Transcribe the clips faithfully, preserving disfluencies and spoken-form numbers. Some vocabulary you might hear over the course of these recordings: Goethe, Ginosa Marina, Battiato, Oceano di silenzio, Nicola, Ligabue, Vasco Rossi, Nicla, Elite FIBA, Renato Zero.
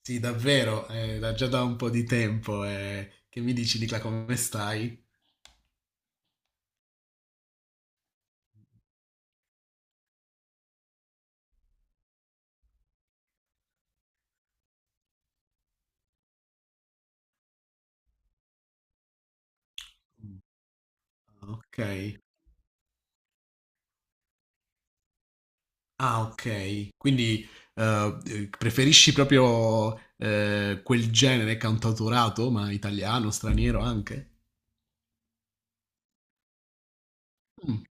Sì, davvero, eh, da già da un po' di tempo. eh. Che mi dici, Nicla, come stai? Ah, ok. Ah, ok. Quindi eh, eh, preferisci proprio eh, quel genere cantautorato, ma italiano, straniero anche? Mm,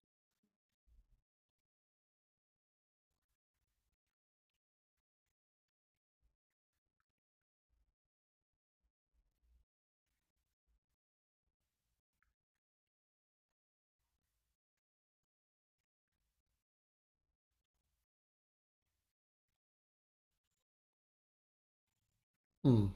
mm.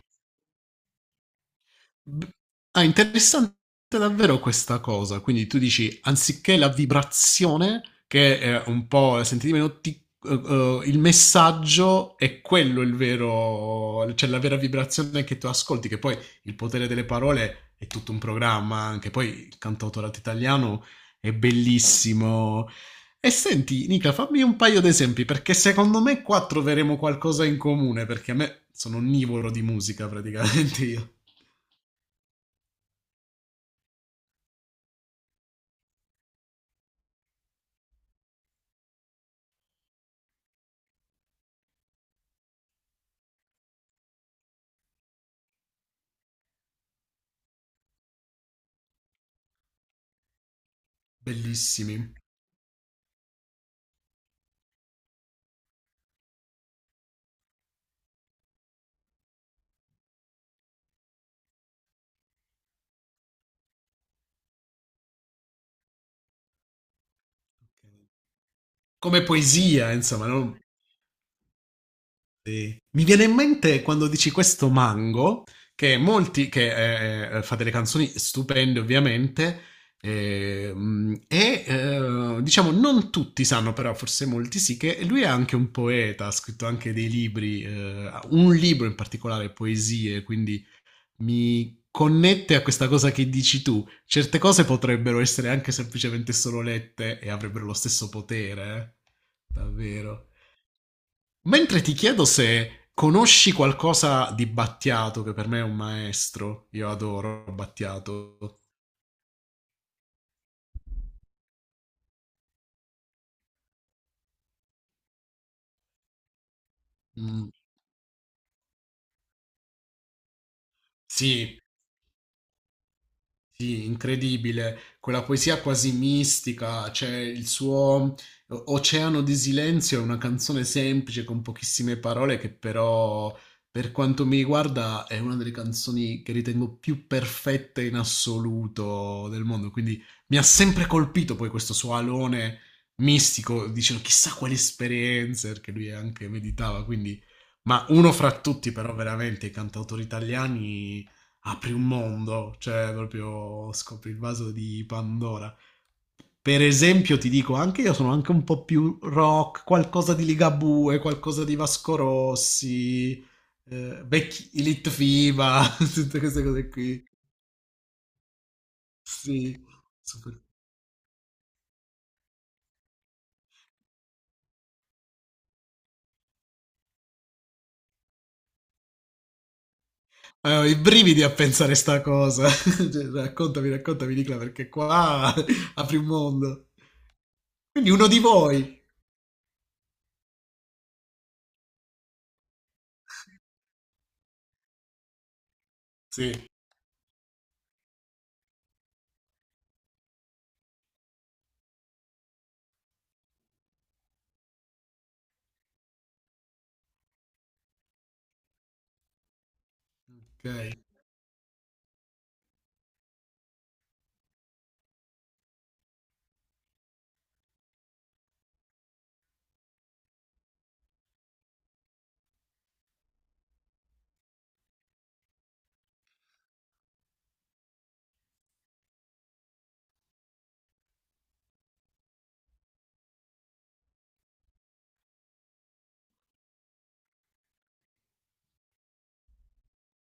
B- Ah, interessante davvero questa cosa. Quindi tu dici, anziché la vibrazione, che è un po' sentite meno, ti- eh, eh, il messaggio è quello il vero, cioè la vera vibrazione che tu ascolti, che poi il potere delle parole è tutto un programma, anche poi il cantautorato italiano è bellissimo. E senti, Nica, fammi un paio di esempi, perché secondo me qua troveremo qualcosa in comune, perché a me sono onnivoro di musica praticamente io. Bellissimi. Come poesia, insomma, no? Sì. Mi viene in mente quando dici questo mango, che molti, che eh, fa delle canzoni stupende ovviamente, eh, mm, e eh, diciamo non tutti sanno, però forse molti sì, che lui è anche un poeta, ha scritto anche dei libri, eh, un libro in particolare, poesie, quindi mi connette a questa cosa che dici tu. Certe cose potrebbero essere anche semplicemente solo lette e avrebbero lo stesso potere. eh. Davvero. Mentre ti chiedo se conosci qualcosa di Battiato, che per me è un maestro. Io adoro Battiato. Mm, sì, sì, incredibile, quella poesia quasi mistica, cioè il suo Oceano di silenzio è una canzone semplice con pochissime parole che però, per quanto mi riguarda, è una delle canzoni che ritengo più perfette in assoluto del mondo, quindi mi ha sempre colpito poi questo suo alone mistico, dicevo chissà quali esperienze, perché lui anche meditava, quindi... Ma uno fra tutti però veramente i cantautori italiani apri un mondo, cioè proprio scopri il vaso di Pandora. Per esempio, ti dico, anche io sono anche un po' più rock, qualcosa di Ligabue, qualcosa di Vasco Rossi, eh, vecchi, Elite FIBA, tutte queste cose qui. Sì, super. Eh, ho i brividi a pensare sta cosa. Cioè, raccontami, raccontami, Nicola, perché qua apri un mondo. Quindi uno di voi. Sì, ok.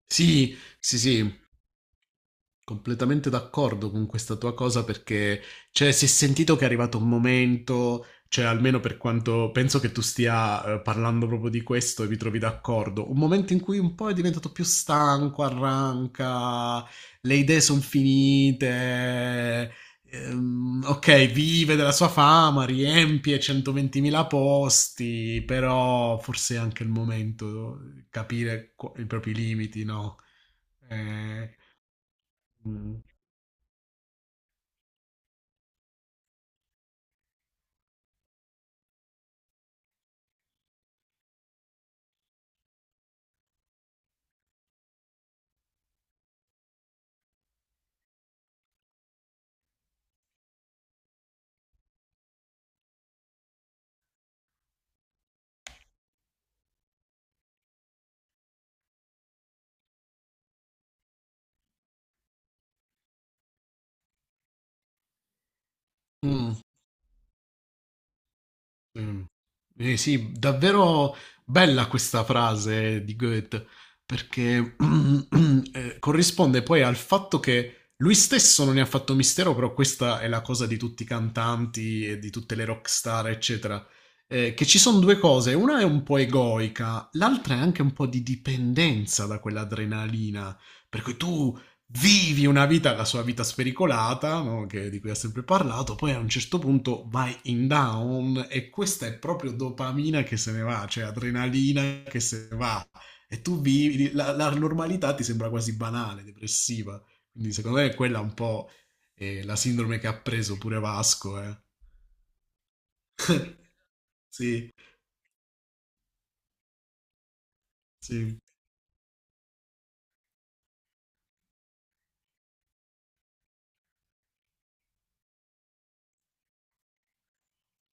Sì, sì, sì, completamente d'accordo con questa tua cosa perché, cioè, si è sentito che è arrivato un momento, cioè, almeno per quanto penso che tu stia eh, parlando proprio di questo e vi trovi d'accordo, un momento in cui un po' è diventato più stanco, arranca, le idee sono finite, ehm, ok, vive della sua fama, riempie centoventimila posti, però forse è anche il momento di capire qu- i propri limiti, no? Eh, mm. Mm. Mh. Eh sì, davvero bella questa frase di Goethe, perché, ehm, corrisponde poi al fatto che lui stesso non ne ha fatto mistero, però questa è la cosa di tutti i cantanti e di tutte le rock star, eccetera, ehm, che ci son due cose, una è un po' egoica, l'altra è anche un po' di dipendenza da quell'adrenalina, per cui tu vivi una vita, la sua vita spericolata, no? Che- di cui ha sempre parlato, poi a un certo punto vai in down e questa è proprio dopamina che se ne va, cioè adrenalina che se ne va. E tu vivi, la, la normalità ti sembra quasi banale, depressiva. Quindi secondo me è quella un po' eh, la sindrome che ha preso pure Vasco. eh. Sì, sì,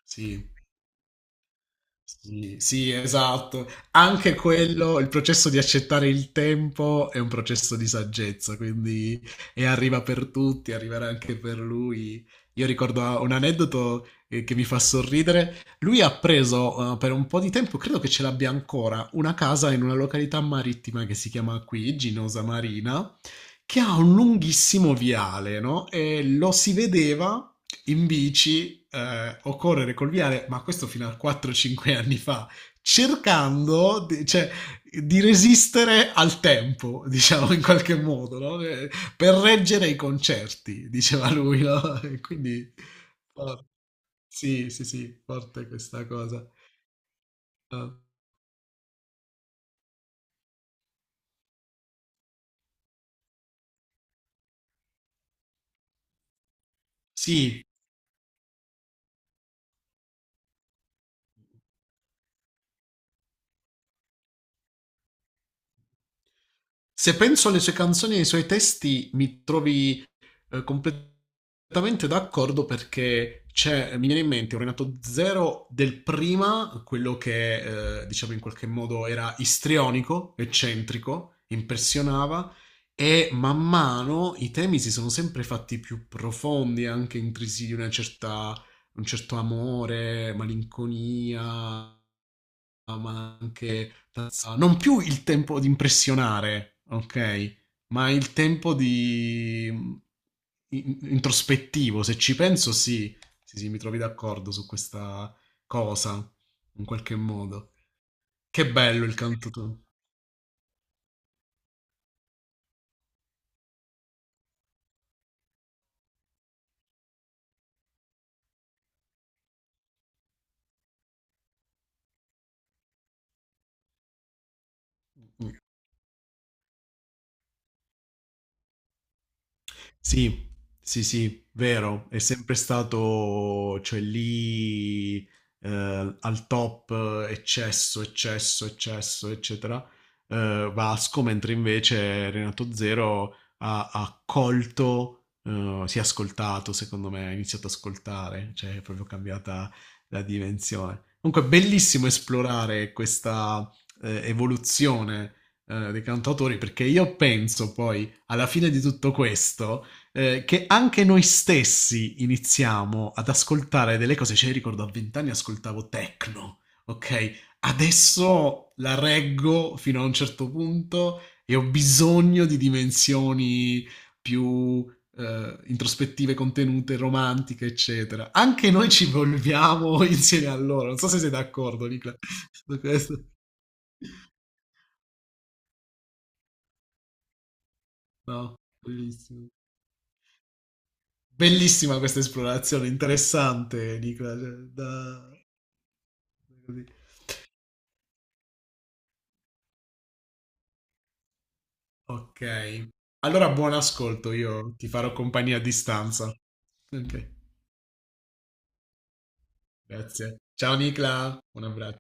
sì. Sì, sì, esatto. Anche quello, il processo di accettare il tempo è un processo di saggezza, quindi e arriva per tutti, arriverà anche per lui. Io ricordo ah, un aneddoto eh, che mi fa sorridere. Lui ha preso eh, per un po' di tempo, credo che ce l'abbia ancora, una casa in una località marittima che si chiama qui Ginosa Marina, che ha un lunghissimo viale, no? E lo si vedeva in bici eh, o correre col viale, ma questo fino a quattro o cinque anni fa, cercando di, cioè, di resistere al tempo, diciamo in qualche modo, no? Eh, per reggere i concerti, diceva lui, no? E quindi oh, sì, sì, sì, forte questa cosa. Ah, sì, se penso alle sue canzoni e ai suoi testi, mi trovi eh, completamente d'accordo perché c'è, mi viene in mente un Renato Zero del prima, quello che eh, diciamo in qualche modo era istrionico, eccentrico, impressionava e man mano i temi si sono sempre fatti più profondi, anche intrisi di una certa, un certo amore, malinconia, ma anche tazza- non più il tempo di impressionare, ok? Ma il tempo di in- introspettivo, se ci penso, sì, sì, sì, mi trovi d'accordo su questa cosa, in qualche modo. Che bello il canto tu. Sì, sì, sì, vero, è sempre stato, cioè lì eh, al top, eh, eccesso, eccesso, eccesso, eccetera, eh, Vasco, mentre invece Renato Zero ha, ha colto, eh, si è ascoltato, secondo me, ha iniziato ad ascoltare, cioè è proprio cambiata la dimensione. Comunque, è bellissimo esplorare questa eh, evoluzione eh, dei cantautori, perché io penso poi, alla fine di tutto questo eh, che anche noi stessi iniziamo ad ascoltare delle cose. Cioè, io ricordo a vent'anni ascoltavo techno, ok? Adesso la reggo fino a un certo punto e ho bisogno di dimensioni più eh, introspettive, contenute, romantiche, eccetera. Anche noi ci evolviamo insieme a loro. Non so se sei d'accordo, Nicola, su questo. No, bellissimo. Bellissima questa esplorazione, interessante, Nicola. Cioè, da- così. Ok. Allora, buon ascolto, io ti farò compagnia a distanza. Ok, grazie. Ciao Nicola, un abbraccio.